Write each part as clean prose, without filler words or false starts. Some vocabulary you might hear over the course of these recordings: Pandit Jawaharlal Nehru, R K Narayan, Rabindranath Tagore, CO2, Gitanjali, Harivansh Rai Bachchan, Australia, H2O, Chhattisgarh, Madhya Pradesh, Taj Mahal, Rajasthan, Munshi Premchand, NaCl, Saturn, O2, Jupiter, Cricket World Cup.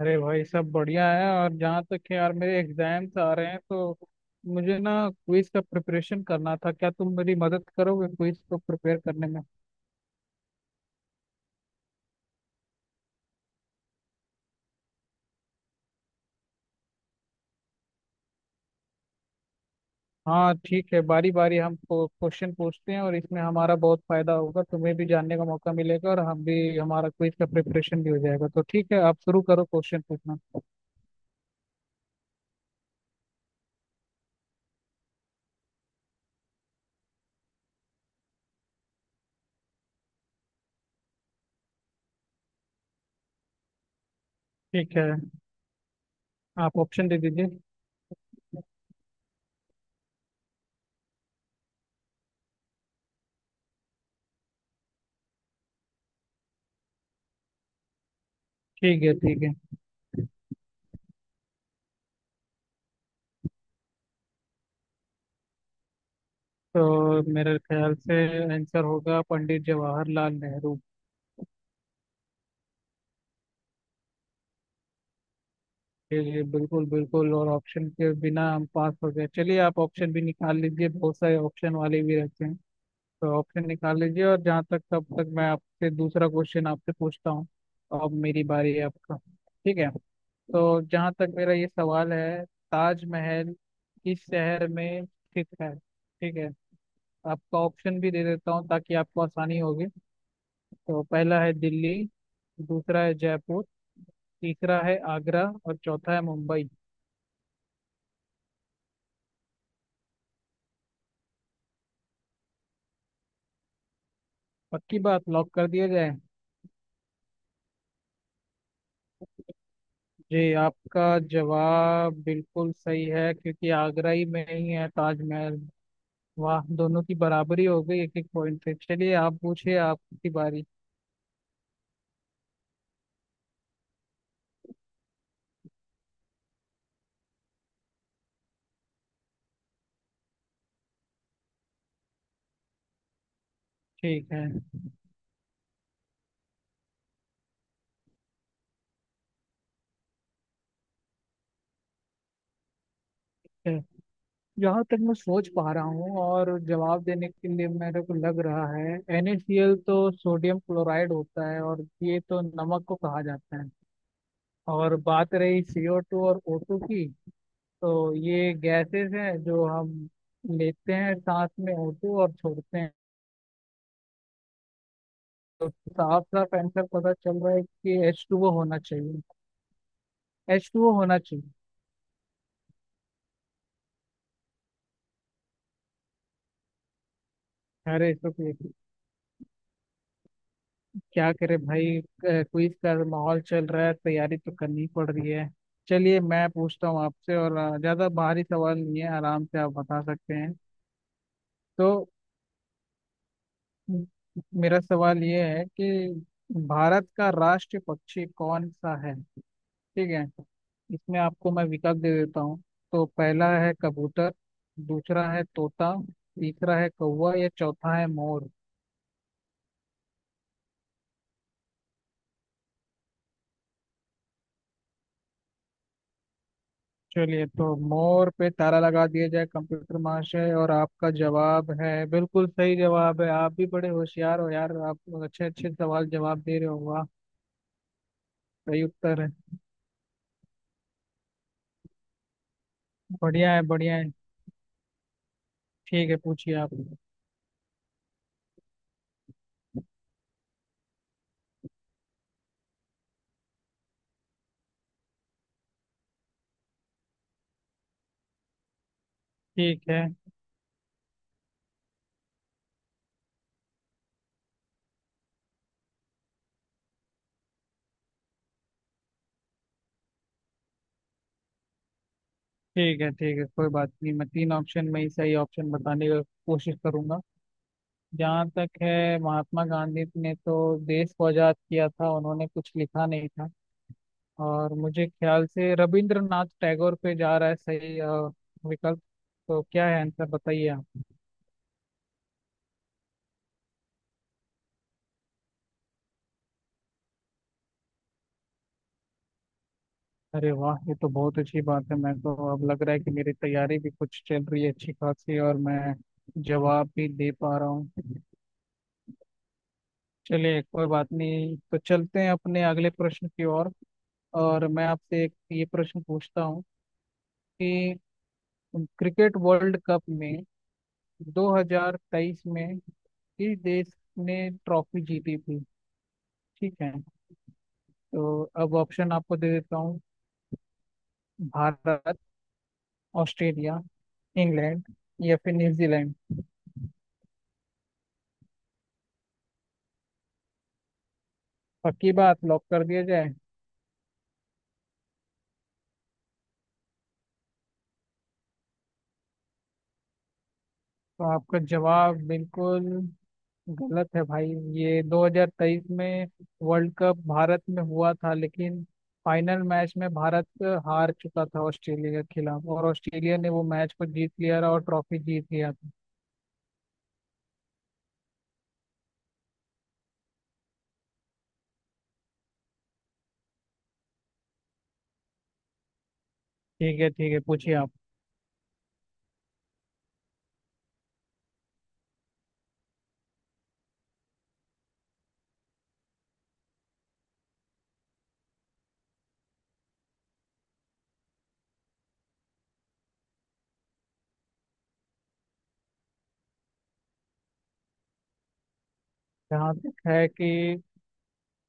अरे भाई, सब बढ़िया है। और जहाँ तक है यार, मेरे एग्जाम्स आ रहे हैं, तो मुझे ना क्विज का प्रिपरेशन करना था। क्या तुम मेरी मदद करोगे क्विज को प्रिपेयर करने में? हाँ ठीक है। बारी बारी हम क्वेश्चन पूछते हैं और इसमें हमारा बहुत फायदा होगा। तुम्हें भी जानने का मौका मिलेगा और हम भी हमारा क्विज का प्रिपरेशन भी हो जाएगा। तो ठीक है, आप शुरू करो क्वेश्चन पूछना। ठीक है, आप ऑप्शन दे दीजिए। ठीक है ठीक है। तो मेरे ख्याल से आंसर होगा पंडित जवाहरलाल नेहरू। जी जी, बिल्कुल बिल्कुल। और ऑप्शन के बिना हम पास हो गए। चलिए आप ऑप्शन भी निकाल लीजिए, बहुत सारे ऑप्शन वाले भी रहते हैं। तो ऑप्शन निकाल लीजिए, और जहाँ तक तब तक मैं आपसे दूसरा क्वेश्चन आपसे पूछता हूँ। अब मेरी बारी है आपका। ठीक है। तो जहाँ तक मेरा ये सवाल है, ताजमहल किस शहर में स्थित है? ठीक है। आपका ऑप्शन भी दे देता हूँ ताकि आपको आसानी होगी। तो पहला है दिल्ली, दूसरा है जयपुर, तीसरा है आगरा और चौथा है मुंबई। पक्की बात, लॉक कर दिया जाए? जी, आपका जवाब बिल्कुल सही है, क्योंकि आगरा ही में ही है ताजमहल। वाह, दोनों की बराबरी हो गई, एक एक पॉइंट पे। चलिए आप पूछिए, आपकी बारी। ठीक है। ठीक। जहाँ तक मैं सोच पा रहा हूँ और जवाब देने के लिए मेरे को लग रहा है, NaCl तो सोडियम क्लोराइड होता है और ये तो नमक को कहा जाता है। और बात रही CO2 और O2 की, तो ये गैसेस हैं जो हम लेते हैं सांस में होते और छोड़ते हैं। तो साफ साफ आंसर पता चल रहा है कि एच टू ओ होना चाहिए। H2O होना चाहिए। अरे तो फिर क्या करे भाई, क्विज का माहौल चल रहा है, तैयारी तो करनी पड़ रही है। चलिए मैं पूछता हूँ आपसे और ज्यादा भारी सवाल नहीं है, आराम से आप बता सकते हैं। तो म- मेरा सवाल ये है कि भारत का राष्ट्रीय पक्षी कौन सा है? ठीक है। इसमें आपको मैं विकल्प दे देता हूँ। तो पहला है कबूतर, दूसरा है तोता, तीसरा है कौवा या चौथा है मोर। चलिए तो मोर पे ताला लगा दिया जाए कंप्यूटर महाशय, और आपका जवाब है बिल्कुल सही जवाब है। आप भी बड़े होशियार हो यार, आप अच्छे अच्छे सवाल जवाब दे रहे हो, वाह। सही उत्तर है। बढ़िया है बढ़िया है। ठीक है, पूछिए आप। ठीक है ठीक है। ठीक है, कोई बात नहीं, मैं तीन ऑप्शन में ही सही ऑप्शन बताने की कोशिश करूंगा। जहाँ तक है, महात्मा गांधी ने तो देश को आजाद किया था, उन्होंने कुछ लिखा नहीं था। और मुझे ख्याल से रविंद्रनाथ टैगोर पे जा रहा है सही विकल्प। तो क्या है आंसर? बताइए आप। अरे वाह, ये तो बहुत अच्छी बात है। मैं तो अब लग रहा है कि मेरी तैयारी भी कुछ चल रही है अच्छी खासी, और मैं जवाब भी दे पा रहा हूँ। चलिए कोई बात नहीं, तो चलते हैं अपने अगले प्रश्न की ओर। और मैं आपसे एक ये प्रश्न पूछता हूँ कि क्रिकेट वर्ल्ड कप में 2023 में किस देश ने ट्रॉफी जीती थी? ठीक है। तो अब ऑप्शन आपको दे देता हूँ। भारत, ऑस्ट्रेलिया, इंग्लैंड, या फिर न्यूजीलैंड। पक्की बात, लॉक कर दिया जाए? तो आपका जवाब बिल्कुल गलत है भाई। ये 2023 में वर्ल्ड कप भारत में हुआ था, लेकिन फाइनल मैच में भारत हार चुका था ऑस्ट्रेलिया के खिलाफ, और ऑस्ट्रेलिया ने वो मैच को जीत लिया और ट्रॉफी जीत लिया था। ठीक है ठीक है, पूछिए आप। यहाँ तक है कि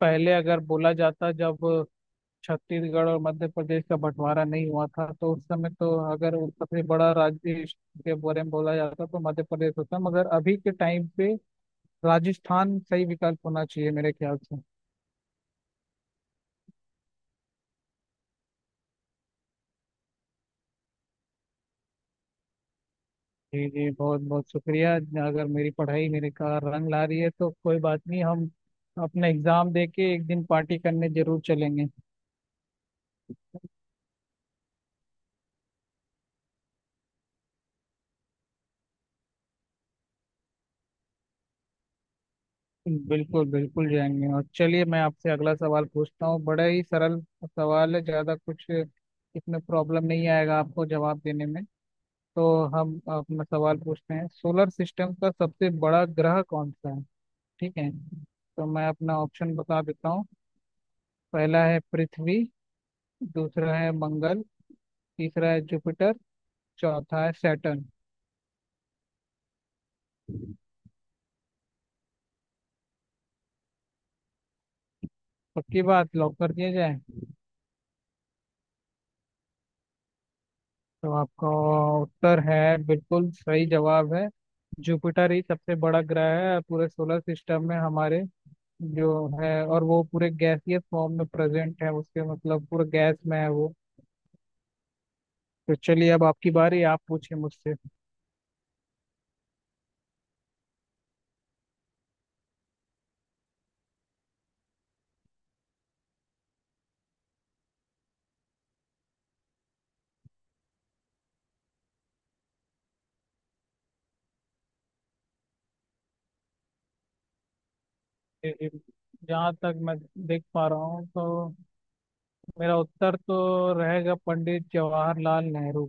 पहले अगर बोला जाता, जब छत्तीसगढ़ और मध्य प्रदेश का बंटवारा नहीं हुआ था, तो उस समय तो अगर वो सबसे बड़ा राज्य के बारे में बोला जाता तो मध्य प्रदेश होता। मगर अभी के टाइम पे राजस्थान सही विकल्प होना चाहिए मेरे ख्याल से। जी जी, बहुत बहुत शुक्रिया। अगर मेरी पढ़ाई मेरे का रंग ला रही है, तो कोई बात नहीं, हम अपना एग्जाम दे के एक दिन पार्टी करने जरूर चलेंगे। बिल्कुल बिल्कुल जाएंगे। और चलिए मैं आपसे अगला सवाल पूछता हूँ, बड़ा ही सरल सवाल है, ज़्यादा कुछ इसमें प्रॉब्लम नहीं आएगा आपको जवाब देने में। तो हम अपना सवाल पूछते हैं, सोलर सिस्टम का सबसे बड़ा ग्रह कौन सा है? ठीक है। तो मैं अपना ऑप्शन बता देता हूँ। पहला है पृथ्वी, दूसरा है मंगल, तीसरा है जुपिटर, चौथा है सैटर्न। पक्की बात, लॉक कर दिया जाए? तो आपका उत्तर है बिल्कुल सही जवाब है। जुपिटर ही सबसे बड़ा ग्रह है पूरे सोलर सिस्टम में हमारे जो है, और वो पूरे गैसीय फॉर्म में प्रेजेंट है, उसके मतलब पूरे गैस में है वो। तो चलिए अब आपकी बारी, आप पूछिए मुझसे। ए- ए- जहाँ तक मैं देख पा रहा हूँ, तो मेरा उत्तर तो रहेगा पंडित जवाहरलाल नेहरू।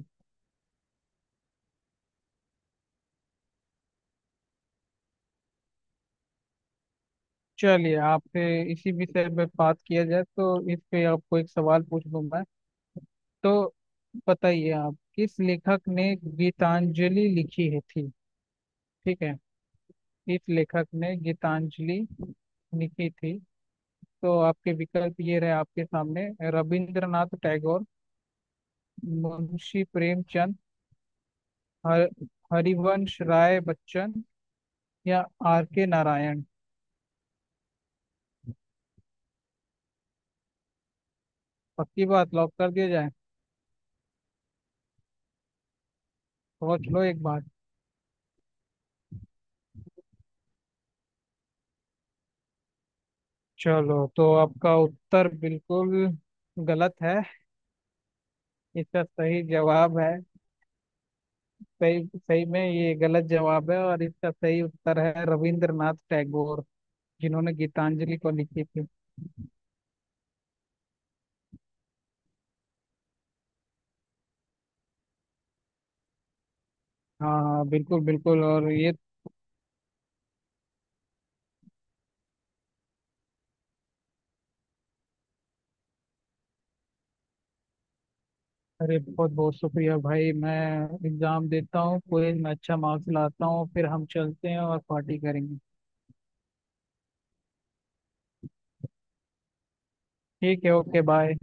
चलिए आपसे इसी विषय पे बात किया जाए, तो इस पे आपको एक सवाल पूछ दूँ। तो बताइए आप, किस लेखक ने गीतांजलि लिखी है थी? ठीक है। किस लेखक ने गीतांजलि लिखी थी? तो आपके विकल्प ये रहे आपके सामने। रविंद्रनाथ टैगोर, मुंशी प्रेमचंद, हर, हरिवंश राय बच्चन, या आर के नारायण। पक्की बात, लॉक कर दिया जाए? सोच लो एक बार। चलो तो आपका उत्तर बिल्कुल गलत है। इसका सही जवाब है, सही सही में ये गलत जवाब है, और इसका सही उत्तर है रविंद्रनाथ टैगोर, जिन्होंने गीतांजलि को लिखी थी। हाँ हाँ, बिल्कुल बिल्कुल। और ये अरे बहुत बहुत शुक्रिया भाई। मैं एग्जाम देता हूँ क्विज में, अच्छा मार्क्स लाता हूँ, फिर हम चलते हैं और पार्टी करेंगे। ठीक है, ओके बाय।